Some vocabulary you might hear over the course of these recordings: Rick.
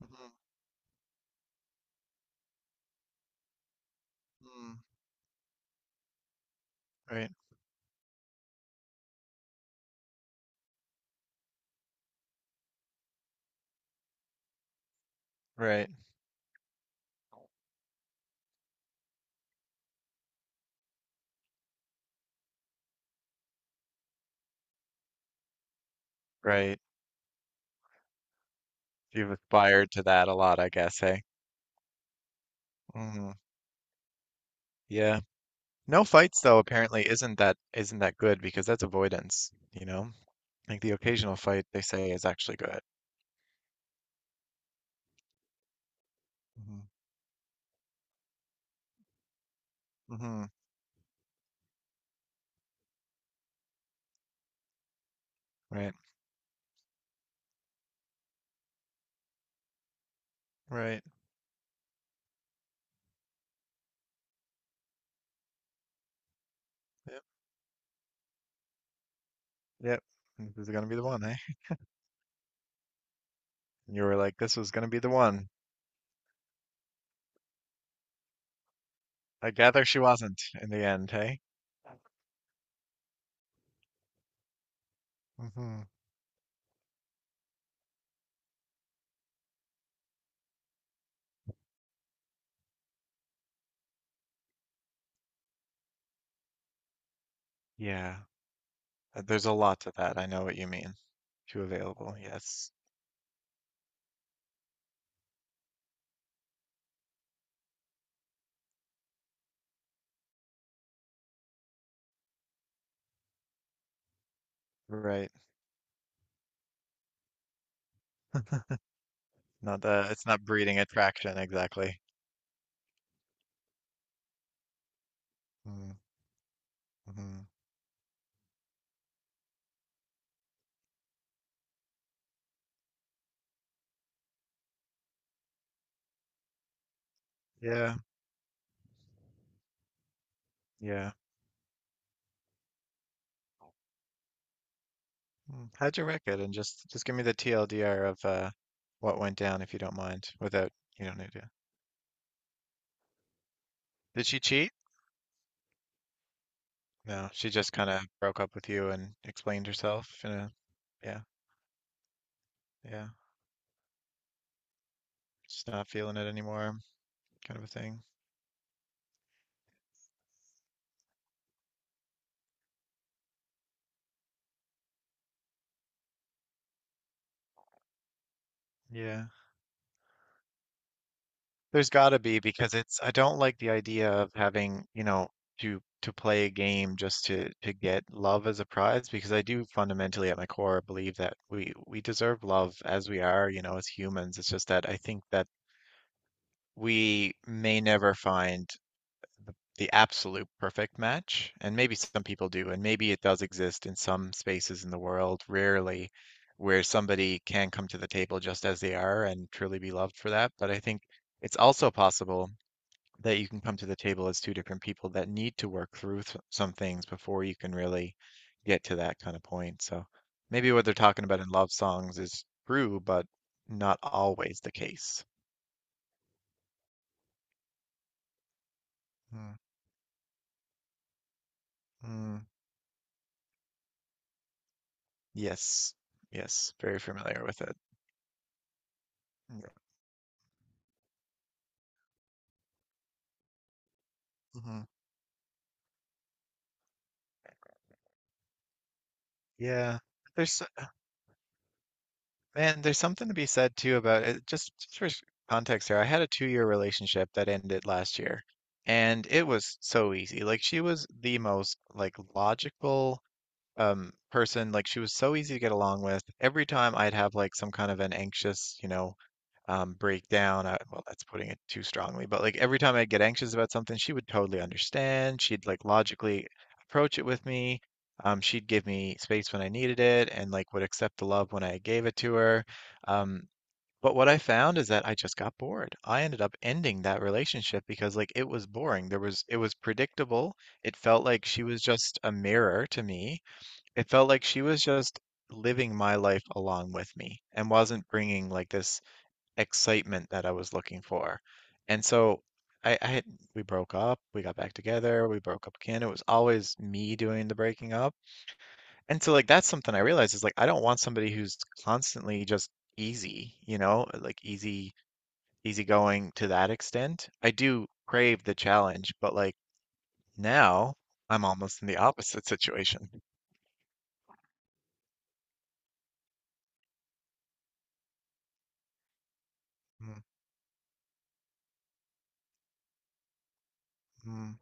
Mhm. Mm. Right, right, right. You've aspired to that a lot, I guess, eh? Hmm. Yeah. No fights though, apparently isn't that good because that's avoidance, you know? Like the occasional fight they say is actually good. Hmm. Hmm. Right, right. Yep, yep. This is gonna be the one, eh? And you were like, this was gonna be the one. I gather she wasn't in the end, hey? Hmm. Yeah. There's a lot to that. I know what you mean. Too available, yes. Right. Not it's not breeding attraction exactly. Mm-hmm. Yeah, yeah. Mm. How'd you wreck it? And just give me the TLDR of what went down if you don't mind, without you don't need to. Did she cheat? No, she just kind of broke up with you and explained herself in a yeah, yeah, just not feeling it anymore, kind of a thing. Yeah. There's got to be because it's I don't like the idea of having, to play a game just to get love as a prize, because I do fundamentally at my core believe that we deserve love as we are, you know, as humans. It's just that I think that we may never find the absolute perfect match, and maybe some people do, and maybe it does exist in some spaces in the world, rarely, where somebody can come to the table just as they are and truly be loved for that. But I think it's also possible that you can come to the table as two different people that need to work through some things before you can really get to that kind of point. So maybe what they're talking about in love songs is true, but not always the case. Mm, mm, yes, yes, very familiar with it. Yeah. Mhm. Yeah. There's s- man, there's something to be said too about it. Just for context here, I had a 2-year relationship that ended last year, and it was so easy. Like she was the most like logical person, like she was so easy to get along with. Every time I'd have like some kind of an anxious breakdown. I, well, that's putting it too strongly, but like every time I'd get anxious about something, she would totally understand. She'd like logically approach it with me. She'd give me space when I needed it, and like would accept the love when I gave it to her. um but what I found is that I just got bored. I ended up ending that relationship because like it was boring. There was It was predictable. It felt like she was just a mirror to me. It felt like she was just living my life along with me and wasn't bringing like this excitement that I was looking for. And so I had, we broke up, we got back together, we broke up again. It was always me doing the breaking up. And so like that's something I realized, is like I don't want somebody who's constantly just easy, you know, like easygoing to that extent. I do crave the challenge, but like now I'm almost in the opposite situation. Mm, mm.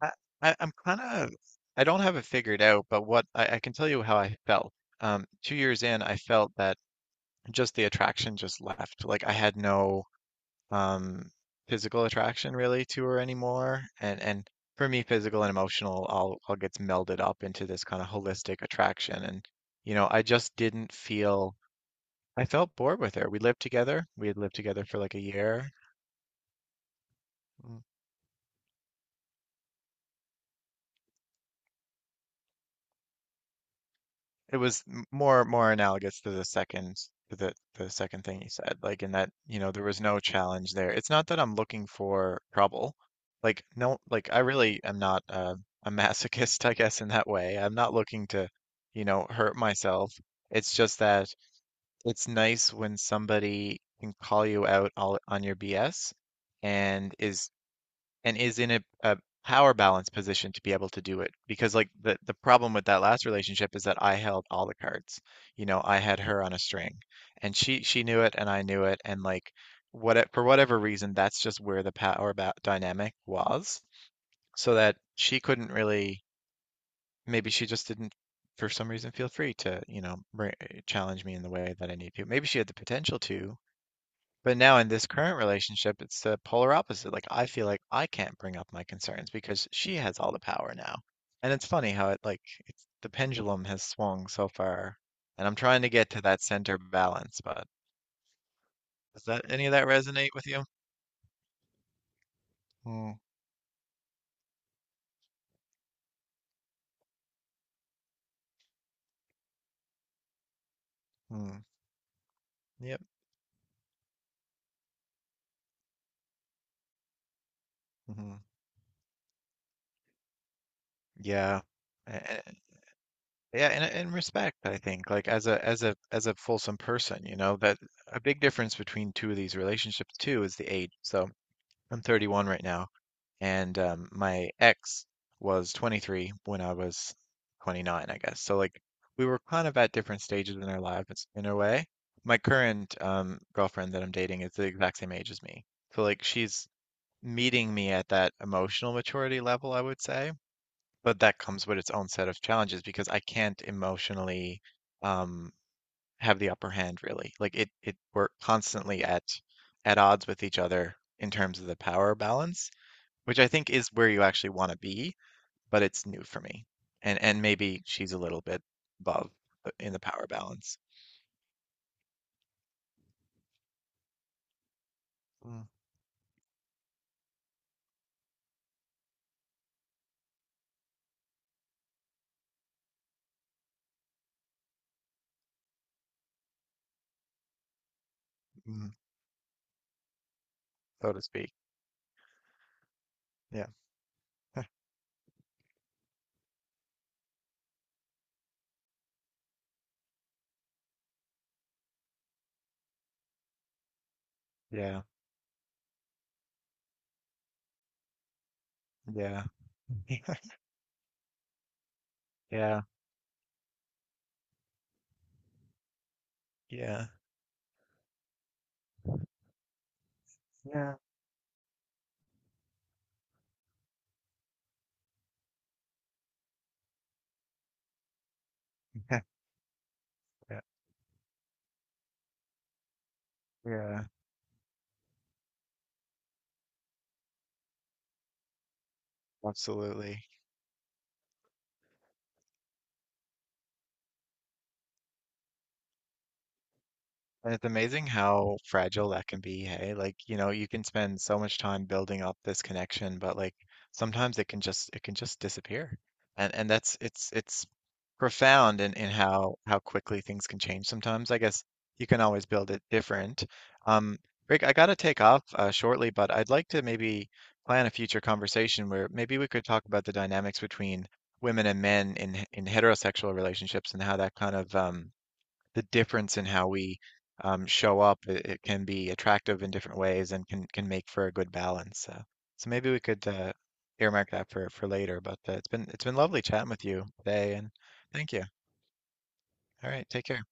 I, I I'm kind of I don't have it figured out, but I can tell you how I felt. 2 years in, I felt that just the attraction just left. Like I had no um physical attraction really to her anymore. And for me, physical and emotional all gets melded up into this kind of holistic attraction. And you know, I just didn't feel, I felt bored with her. We lived together. We had lived together for like a year. It was more analogous to the second thing you said, like in that, you know, there was no challenge there. It's not that I'm looking for trouble. Like no, like I really am not a masochist, I guess, in that way. I'm not looking to, you know, hurt myself. It's just that it's nice when somebody can call you out all, on your BS, and is in a power balance position to be able to do it. Because like the problem with that last relationship is that I held all the cards. You know, I had her on a string, and she knew it, and I knew it, and like what for whatever reason, that's just where the power ba dynamic was, so that she couldn't really. Maybe she just didn't for some reason feel free to, you know, bring, challenge me in the way that I need to. Maybe she had the potential to, but now in this current relationship, it's the polar opposite. Like I feel like I can't bring up my concerns because she has all the power now. And it's funny how it's the pendulum has swung so far, and I'm trying to get to that center balance, but does that any of that resonate with you? Mm-hmm. Yep. Hmm. Yeah. A- Yeah, and respect, I think, like as a fulsome person, you know, that a big difference between two of these relationships too is the age. So I'm 31 right now. And my ex was 23 when I was 29, I guess. So like we were kind of at different stages in our lives in a way. My current girlfriend that I'm dating is the exact same age as me. So like she's meeting me at that emotional maturity level, I would say, but that comes with its own set of challenges because I can't emotionally um, have the upper hand, really. Like it we're constantly at odds with each other in terms of the power balance, which I think is where you actually want to be, but it's new for me. And maybe she's a little bit above, in the power balance, mm, mm, so to speak. Yeah, yeah, yeah, yeah, yeah, yeah, yeah, yeah, absolutely. And it's amazing how fragile that can be, hey? Like, you know, you can spend so much time building up this connection, but like sometimes it can just disappear. And that's it's profound in, how quickly things can change sometimes. I guess you can always build it different. Um, Rick, I gotta take off shortly, but I'd like to maybe plan a future conversation where maybe we could talk about the dynamics between women and men in heterosexual relationships, and how that kind of the difference in how we show up, it can be attractive in different ways and can make for a good balance. So maybe we could earmark that for later. But it's been lovely chatting with you today, and thank you. All right, take care.